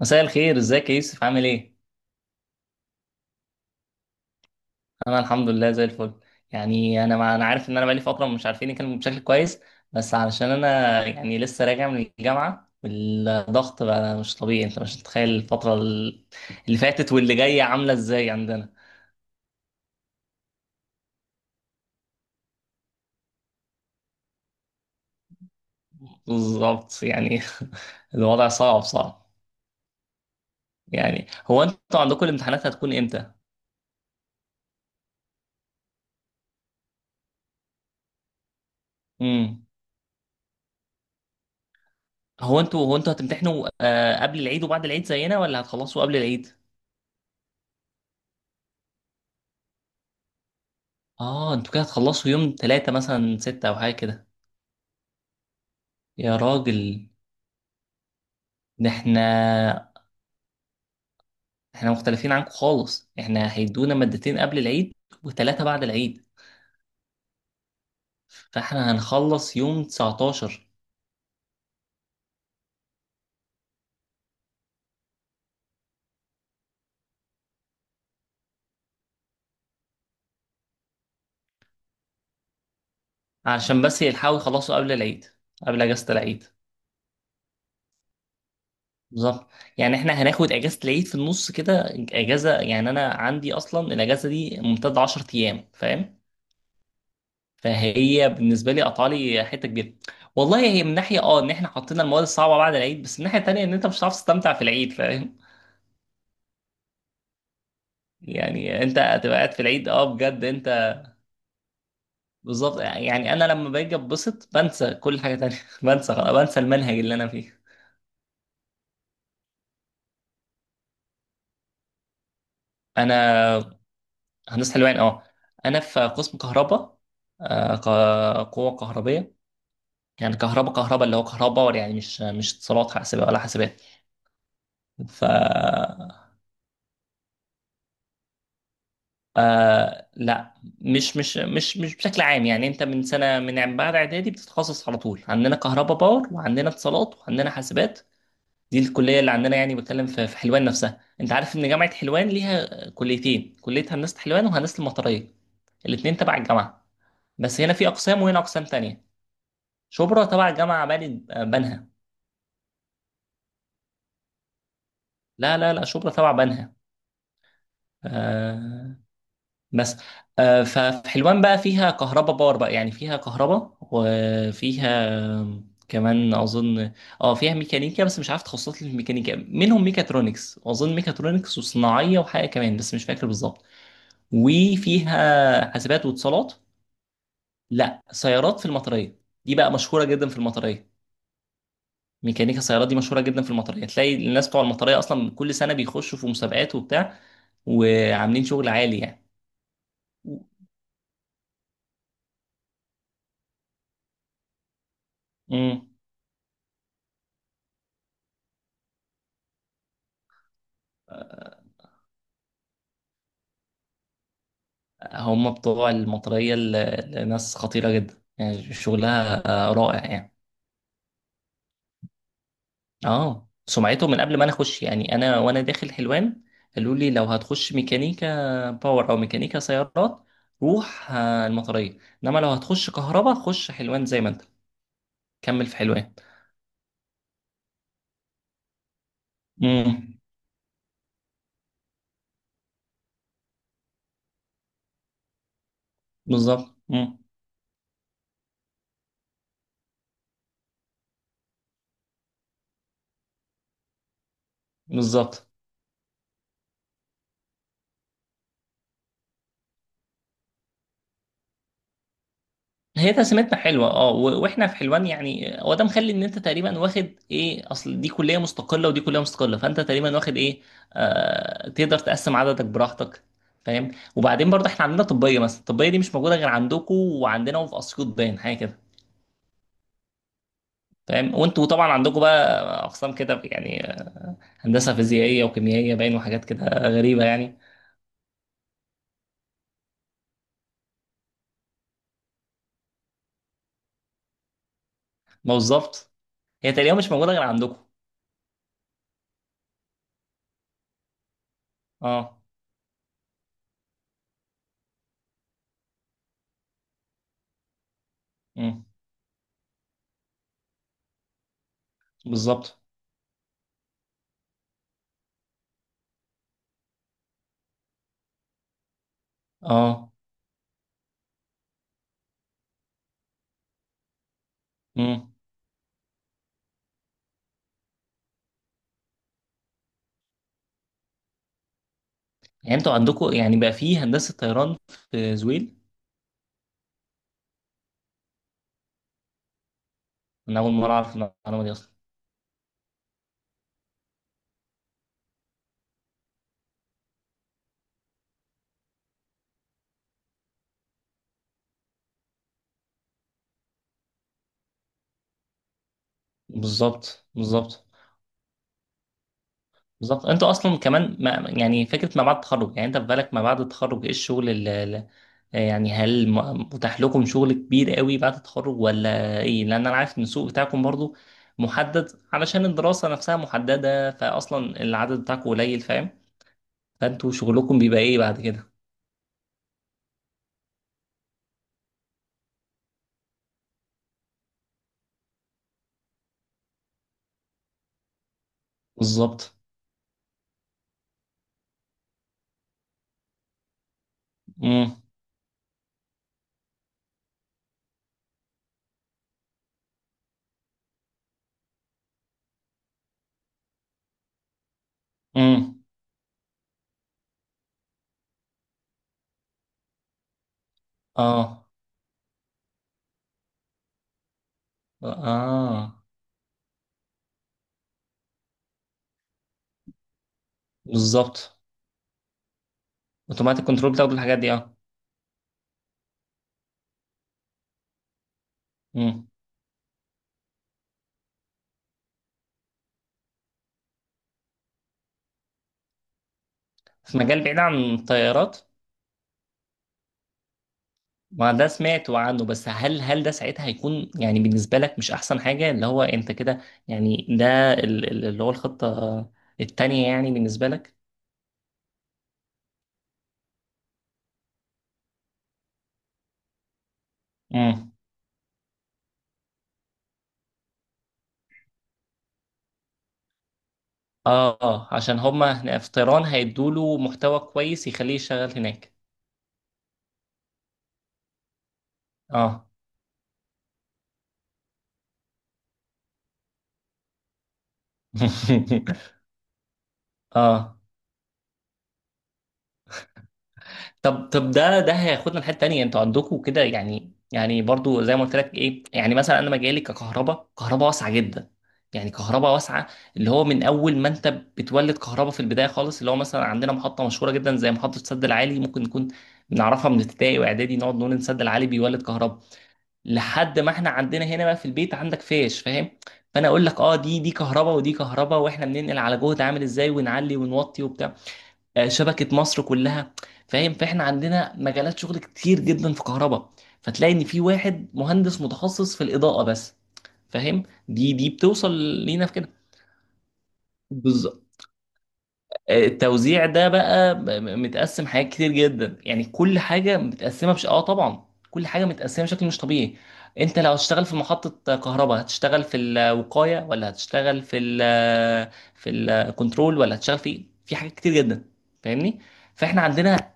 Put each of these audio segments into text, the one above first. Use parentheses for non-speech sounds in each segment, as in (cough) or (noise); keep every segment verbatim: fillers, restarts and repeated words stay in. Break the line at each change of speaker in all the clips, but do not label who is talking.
مساء الخير. ازيك يا يوسف؟ عامل ايه؟ انا الحمد لله زي الفل. يعني انا مع... انا عارف ان انا بقالي فتره مش عارفين نتكلم بشكل كويس، بس علشان انا يعني لسه راجع من الجامعه والضغط بقى مش طبيعي. انت مش متخيل الفتره ال- اللي فاتت واللي جايه عامله ازاي عندنا. بالظبط يعني. (laughs) الوضع صعب صعب. يعني هو انتوا عندكم الامتحانات هتكون امتى؟ امم هو انتوا هو انتوا هتمتحنوا، آه، قبل العيد وبعد العيد زينا ولا هتخلصوا قبل العيد؟ اه، انتوا كده هتخلصوا يوم ثلاثة، مثلا ستة او حاجة كده. يا راجل، ده احنا احنا مختلفين عنكم خالص. احنا هيدونا مادتين قبل العيد وثلاثة بعد العيد. فاحنا هنخلص يوم تسعتاشر، علشان بس يلحقوا يخلصوا قبل العيد، قبل اجازة العيد. بالظبط. يعني احنا هناخد اجازة العيد في النص كده. اجازة يعني انا عندي اصلا الاجازة دي ممتدة 10 ايام، فاهم؟ فهي بالنسبة لي قطع لي حتة كبيرة. والله هي من ناحية اه ان احنا حطينا المواد الصعبة بعد العيد، بس من ناحية تانية ان انت مش هتعرف تستمتع في العيد، فاهم؟ يعني انت هتبقى قاعد في العيد، اه بجد انت. بالظبط يعني. انا لما باجي اتبسط بنسى كل حاجه تانية. (laughs) بنسى خلاص، بنسى المنهج اللي انا فيه. انا هندسه حلوان، اه. انا في قسم كهرباء، آه، ق- قوه كهربيه. يعني كهرباء كهرباء اللي هو كهرباء، يعني مش مش اتصالات حاسبه ولا حاسبات. ف آه لا، مش مش مش مش بشكل عام. يعني انت من سنه، من بعد اعدادي بتتخصص على طول. عندنا كهرباء باور، وعندنا اتصالات، وعندنا حاسبات. دي الكليه اللي عندنا. يعني بتكلم في في حلوان نفسها. انت عارف ان جامعه حلوان ليها كليتين، كليه هندسه حلوان وهندسه المطريه. الاتنين تبع الجامعه، بس هنا في اقسام وهنا اقسام تانية. شبرا تبع جامعه بني بنها. لا لا لا، شبرا تبع بنها. آه. بس. آه ففي حلوان بقى فيها كهرباء باور بقى. يعني فيها كهرباء وفيها كمان اظن، اه، فيها ميكانيكا، بس مش عارف تخصصات الميكانيكا. منهم ميكاترونكس، واظن ميكاترونكس وصناعيه وحاجه كمان بس مش فاكر بالظبط. وفيها حاسبات واتصالات. لا، سيارات في المطريه. دي بقى مشهوره جدا في المطريه. ميكانيكا سيارات دي مشهوره جدا في المطريه. تلاقي الناس بتوع المطريه اصلا كل سنه بيخشوا في مسابقات وبتاع، وعاملين شغل عالي يعني. امم. هم بتوع المطريه ال- الناس خطيره جدا يعني شغلها، آه، رائع يعني. اه، سمعته من قبل ما انا اخش. يعني انا وانا داخل حلوان قالوا لي لو هتخش ميكانيكا باور او ميكانيكا سيارات روح آه، المطريه، انما لو هتخش كهرباء خش حلوان زي ما انت كمل في حلوان. امم بالظبط. امم بالظبط. هي تسميتنا حلوه، اه و- واحنا في حلوان يعني. هو ده مخلي ان انت تقريبا واخد ايه، اصل دي كليه مستقله ودي كليه مستقله، فانت تقريبا واخد ايه، آه تقدر تقسم عددك براحتك، فاهم؟ وبعدين برضه احنا عندنا طبيه مثلا. الطبيه دي مش موجوده غير عندكم وعندنا وفي اسيوط باين، حاجه كده. فاهم. وانتوا طبعا عندكم بقى اقسام كده يعني، هندسه فيزيائيه وكيميائيه باين وحاجات كده غريبه يعني. ما بالظبط، هي تقريبا مش موجوده غير عندكم. اه. امم. بالظبط. اه. يعني انتوا عندكم يعني بقى فيه هندسة طيران في زويل. انا اول مرة اعرف المعلومة دي اصلا. بالظبط، بالظبط، بالظبط. انتوا اصلا كمان، ما يعني فكرة ما بعد التخرج، يعني انت في بالك ما بعد التخرج ايه الشغل اللي، يعني هل م- متاح لكم شغل كبير قوي بعد التخرج ولا ايه؟ لان انا عارف ان السوق بتاعكم برضو محدد، علشان الدراسة نفسها محددة، فاصلا العدد بتاعكم قليل، فاهم؟ فانتوا شغلكم بيبقى ايه بعد كده؟ بالظبط. امم. امم. اه. اه. آه. بالظبط. اوتوماتيك كنترول، بتاخد الحاجات دي، اه. امم. في مجال بعيد عن الطيارات. ما ده سمعت عنه. بس هل هل ده ساعتها هيكون يعني بالنسبة لك مش أحسن حاجة، اللي هو أنت كده، يعني ده ال- ال- اللي هو الخطة التانية يعني بالنسبة لك؟ امم. اه، اه، عشان هما هنا في طيران هيدوله محتوى كويس يخليه يشتغل هناك. اه. (laughs) اه. طب، طب، ده ده هياخدنا لحته تانيه. انتوا عندكم كده يعني يعني برضو زي ما قلت لك، ايه يعني، مثلا انا مجالي ككهرباء، كهرباء واسعه جدا. يعني كهرباء واسعه، اللي هو من اول ما انت بتولد كهرباء في البدايه خالص، اللي هو مثلا عندنا محطه مشهوره جدا زي محطه السد العالي، ممكن نكون بنعرفها من ابتدائي واعدادي، نقعد نقول ان السد العالي بيولد كهرباء، لحد ما احنا عندنا هنا بقى في البيت عندك فيش، فاهم؟ فانا اقول لك، اه دي دي كهرباء ودي كهرباء. واحنا بننقل على جهد عامل ازاي، ونعلي ونوطي وبتاع، آه، شبكة مصر كلها، فاهم؟ فاحنا عندنا مجالات شغل كتير جدا في كهرباء. فتلاقي ان في واحد مهندس متخصص في الإضاءة بس، فاهم. دي دي بتوصل لينا في كده. بالظبط. آه، التوزيع ده بقى م- م- متقسم حاجات كتير جدا. يعني كل حاجة متقسمة بش... اه طبعا، كل حاجة متقسمة بشكل مش طبيعي. انت لو هتشتغل في محطة كهرباء هتشتغل في الوقاية، ولا هتشتغل في ال، في الكنترول، ولا هتشتغل في إيه؟ في حاجات كتير جدا، فاهمني. فاحنا عندنا،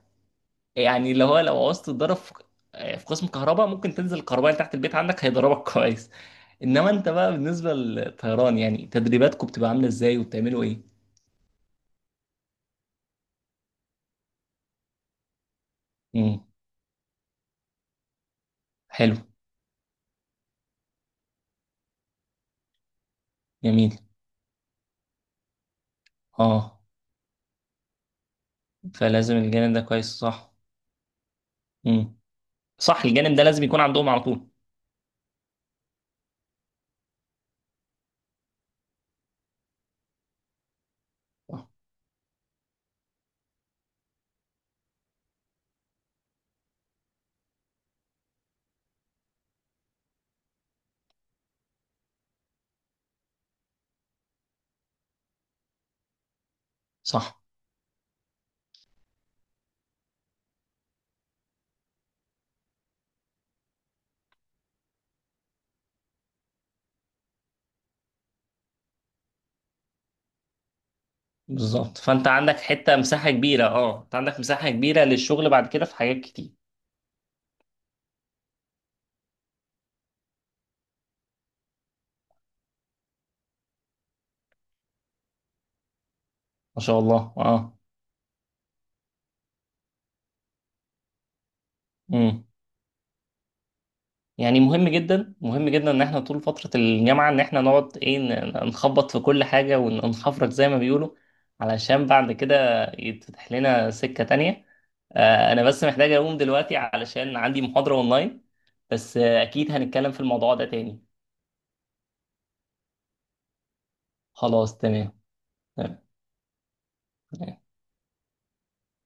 يعني اللي هو لو عوزت تتدرب في، آه، في قسم كهرباء ممكن تنزل الكهربائي تحت البيت عندك هيضربك. (laughs) كويس. انما انت بقى بالنسبه للطيران، يعني تدريباتكم بتبقى عامله ازاي وبتعملوا ايه؟ امم. حلو. جميل. اه. فلازم الجانب ده كويس، صح؟ امم، صح. الجانب ده لازم يكون عندهم على طول. آه، صح، بالظبط. فانت عندك حته مساحه كبيره، اه انت عندك مساحه كبيره للشغل بعد كده في حاجات كتير. ما شاء الله. اه. مم. يعني مهم جدا، مهم جدا ان احنا طول فترة الجامعة ان احنا نقعد، ايه، ن- نخبط في كل حاجة، وننخفرك زي ما بيقولوا، علشان بعد كده يتفتح لنا سكة تانية. آه، انا بس محتاج اقوم دلوقتي علشان عندي محاضرة اونلاين. بس، آه، اكيد هنتكلم في الموضوع ده تاني. خلاص. تمام. تمام.